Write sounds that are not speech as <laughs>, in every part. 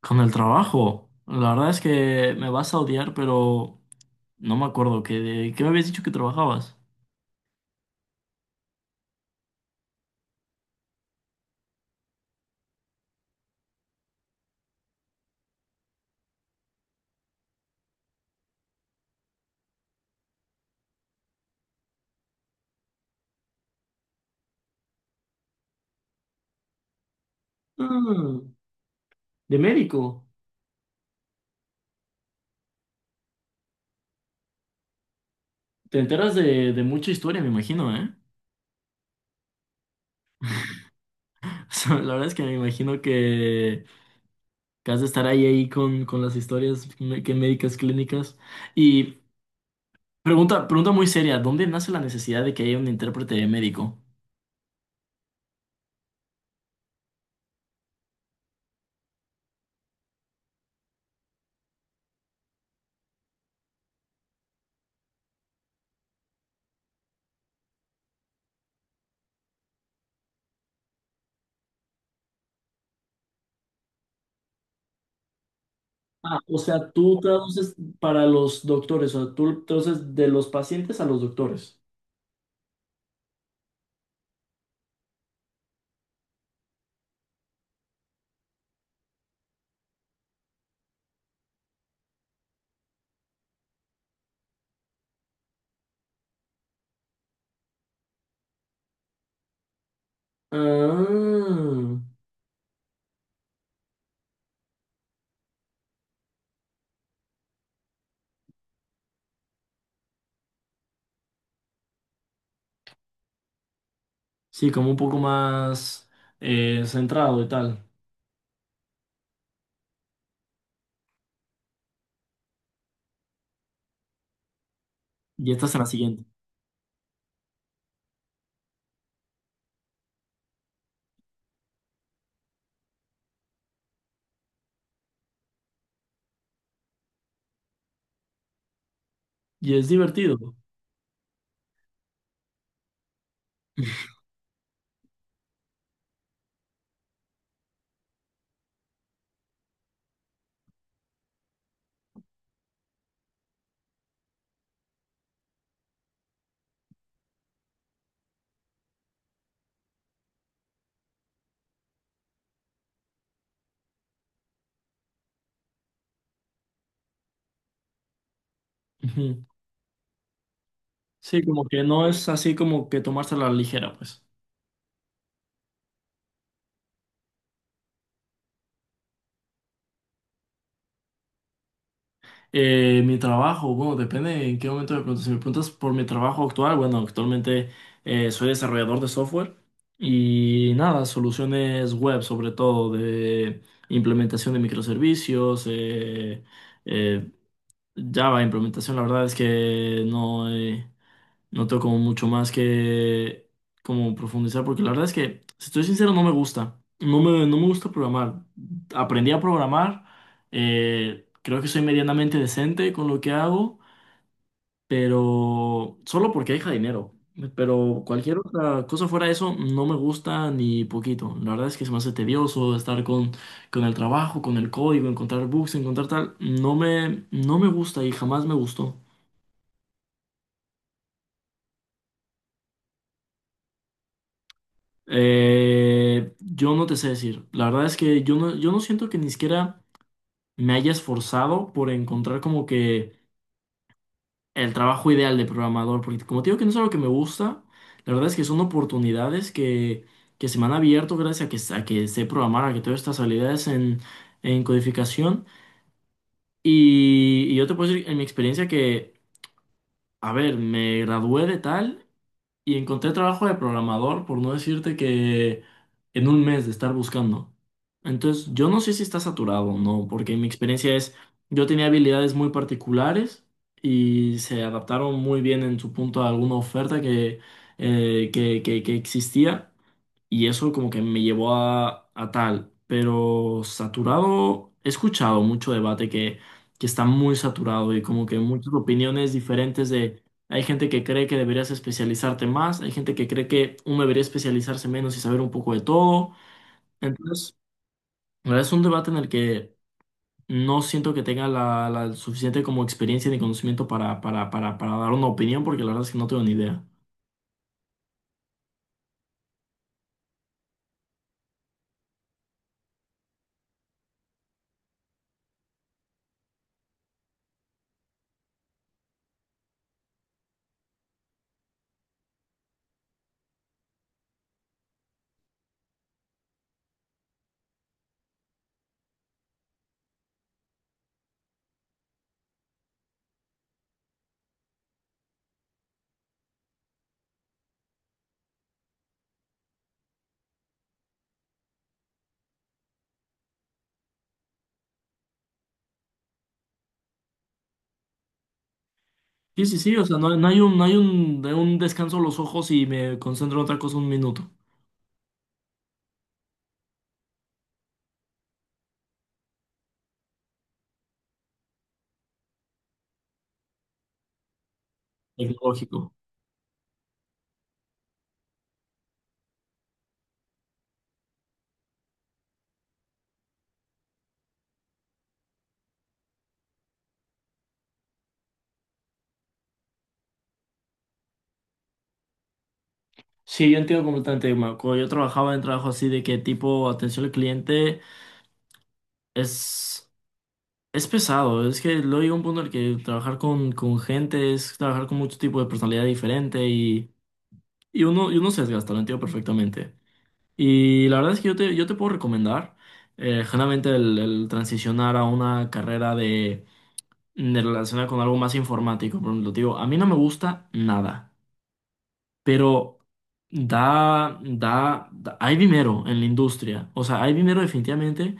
Con el trabajo, la verdad es que me vas a odiar, pero no me acuerdo que de qué me habías dicho que trabajabas. Ah, de médico. Te enteras de mucha historia, me imagino, ¿eh? <laughs> O sea, la verdad es que me imagino que has de estar ahí con las historias me- que médicas clínicas. Y pregunta muy seria, ¿dónde nace la necesidad de que haya un intérprete médico? Ah, o sea, tú traduces para los doctores, o sea, tú traduces de los pacientes a los doctores. Ah, sí, como un poco más centrado y tal. Y esta será la siguiente. Y es divertido. <laughs> Ujú. Sí, como que no es así como que tomársela a la ligera, pues. Mi trabajo, bueno, depende en qué momento me preguntas. Si me preguntas por mi trabajo actual, bueno, actualmente soy desarrollador de software y nada, soluciones web, sobre todo de implementación de microservicios, eh, Java, implementación, la verdad es que no, no tengo como mucho más que como profundizar, porque la verdad es que, si estoy sincero, no me gusta. No me gusta programar. Aprendí a programar, creo que soy medianamente decente con lo que hago pero solo porque deja dinero. Pero cualquier otra cosa fuera de eso no me gusta ni poquito. La verdad es que se me hace tedioso con el trabajo, con el código, encontrar bugs, encontrar tal. No me gusta y jamás me gustó. Yo no te sé decir. La verdad es que yo no siento que ni siquiera me haya esforzado por encontrar como que el trabajo ideal de programador, porque como te digo que no es algo que me gusta, la verdad es que son que se me han abierto gracias a a que sé programar, a que tengo estas habilidades en codificación. Y yo te puedo decir en mi experiencia que a ver, me gradué de tal y encontré trabajo de programador, por no decirte que en un mes de estar buscando. Entonces, yo no sé si está saturado o no, porque mi experiencia es, yo tenía habilidades muy particulares y se adaptaron muy bien en su punto a alguna oferta que existía. Y eso como que me llevó a tal. Pero saturado, he escuchado mucho que está muy saturado y como que muchas opiniones diferentes de... Hay gente que cree que deberías especializarte más, hay gente que cree que uno debería especializarse menos y saber un poco de todo. Entonces, la verdad es un debate en el que no siento que tenga la suficiente como experiencia ni conocimiento para dar una opinión porque la verdad es que no tengo ni idea. Sí, sí, sí, o sea, no hay un, de un descanso los ojos y me concentro en otra cosa un minuto. Tecnológico. Sí, yo entiendo completamente, Marco. Cuando yo trabajaba en trabajo así de que tipo atención al cliente es, es pesado. Es que luego llega un punto en el que trabajar con gente es trabajar con mucho tipo de personalidad diferente y uno se desgasta, lo entiendo perfectamente. Y la verdad es que yo te puedo recomendar, generalmente el transicionar a una carrera de relacionar con algo más informático. Por ejemplo, te digo, a mí no me gusta nada, pero hay dinero en la industria. O sea, hay dinero definitivamente.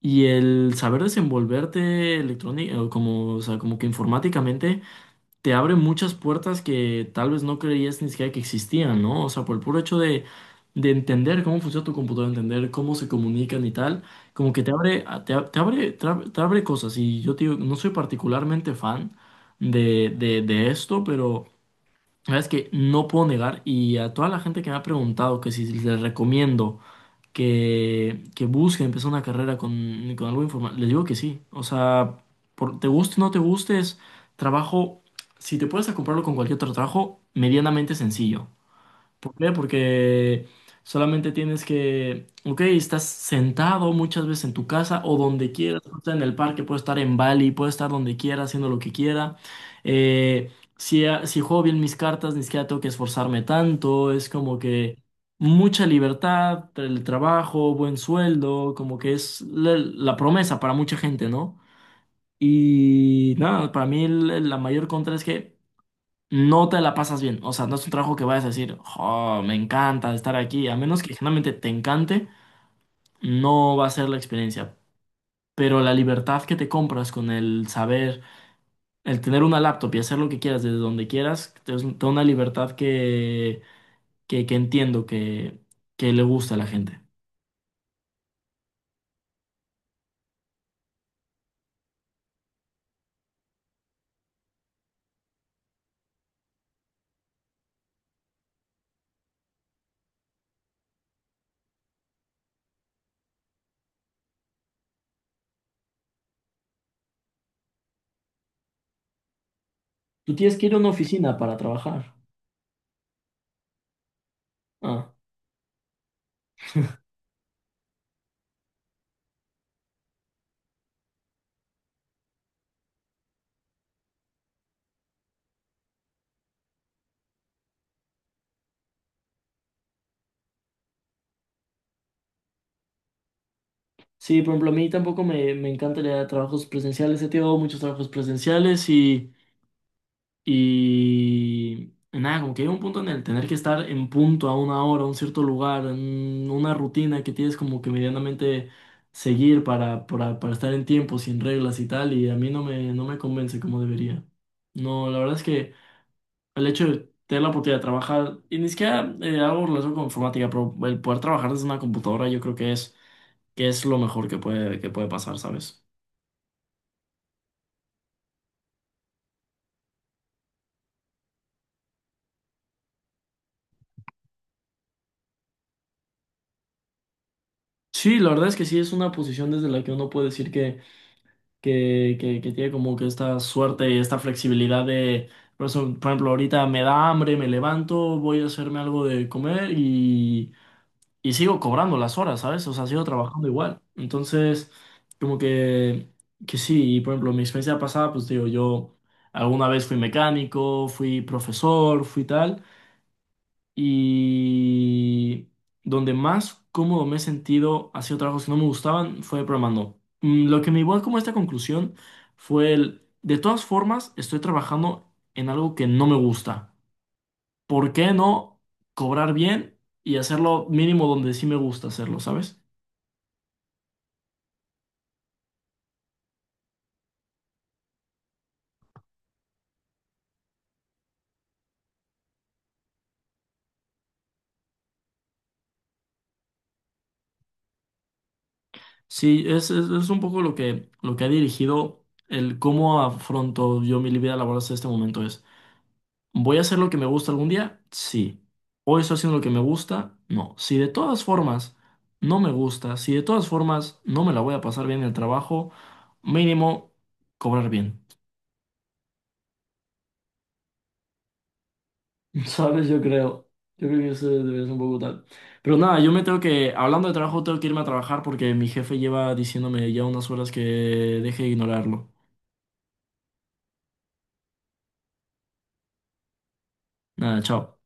Y el saber desenvolverte electrónico, como, o sea, como que informáticamente te abre muchas puertas que tal vez no creías ni siquiera que existían, ¿no? O sea, por el puro hecho de entender cómo funciona tu computadora, entender cómo se comunican y tal, como que te abre, a- te abre, te ab- te abre cosas. Y yo te digo, no soy particularmente fan de esto, pero la verdad es que no puedo negar. Y a toda la gente que me ha preguntado que si les recomiendo que busque empezar una carrera con algo informal. Les digo que sí. O sea, por, te guste o no te guste, es trabajo. Si te puedes a comprarlo con cualquier otro trabajo, medianamente sencillo. ¿Por qué? Porque solamente tienes que, ok, estás sentado muchas veces en tu casa o donde quieras, puedes estar en el parque, puedes estar en Bali, puedes estar donde quiera, haciendo lo que quiera. Si, ah, si juego bien mis cartas, ni siquiera tengo que esforzarme tanto, es como que mucha libertad, el trabajo, buen sueldo, como que es la promesa para mucha gente, ¿no? Y nada, para mí la mayor contra es que no te la pasas bien. O sea, no es un trabajo que vayas a decir, oh, me encanta estar aquí. A menos que generalmente te encante, no va a ser la experiencia. Pero la libertad que te compras con el saber, el tener una laptop y hacer lo que quieras desde donde quieras, te da una libertad que entiendo que le gusta a la gente. Tú tienes que ir a una oficina para trabajar. Ah. Sí, por ejemplo, a mí tampoco me encanta el idea de trabajos presenciales. He tenido muchos trabajos presenciales y nada, como que hay un punto en el tener que estar en punto a una hora, a un cierto lugar, en una rutina que tienes como que medianamente seguir para estar en tiempo, sin reglas y tal, y a mí no me convence como debería. No, la verdad es que el hecho de tener la oportunidad de trabajar, y ni siquiera hago relación con informática, pero el poder trabajar desde una computadora yo creo que es lo mejor que que puede pasar, ¿sabes? Sí, la verdad es que sí, es una posición desde la que uno puede decir que tiene como que esta suerte y esta flexibilidad de, por eso, por ejemplo, ahorita me da hambre, me levanto, voy a hacerme algo de comer y sigo cobrando las horas, ¿sabes? O sea, sigo trabajando igual. Entonces, como que sí, y por ejemplo, mi experiencia pasada, pues digo, yo alguna vez fui mecánico, fui profesor, fui tal. Y donde más cómodo me he sentido haciendo trabajos que no me gustaban fue programando. Lo que me llevó como a esta conclusión fue el, de todas formas, estoy trabajando en algo que no me gusta. ¿Por qué no cobrar bien y hacerlo mínimo donde sí me gusta hacerlo, ¿sabes? Sí, es un poco lo lo que ha dirigido el cómo afronto yo mi vida laboral hasta este momento es. ¿Voy a hacer lo que me gusta algún día? Sí. ¿Hoy estoy haciendo lo que me gusta? No. Si de todas formas no me gusta, si de todas formas no me la voy a pasar bien en el trabajo, mínimo cobrar bien. <laughs> ¿Sabes? Yo creo. Yo creo que eso debería ser un poco tal. Pero nada, yo me tengo que, hablando de trabajo, tengo que irme a trabajar porque mi jefe lleva diciéndome ya unas horas que deje de ignorarlo. Nada, chao.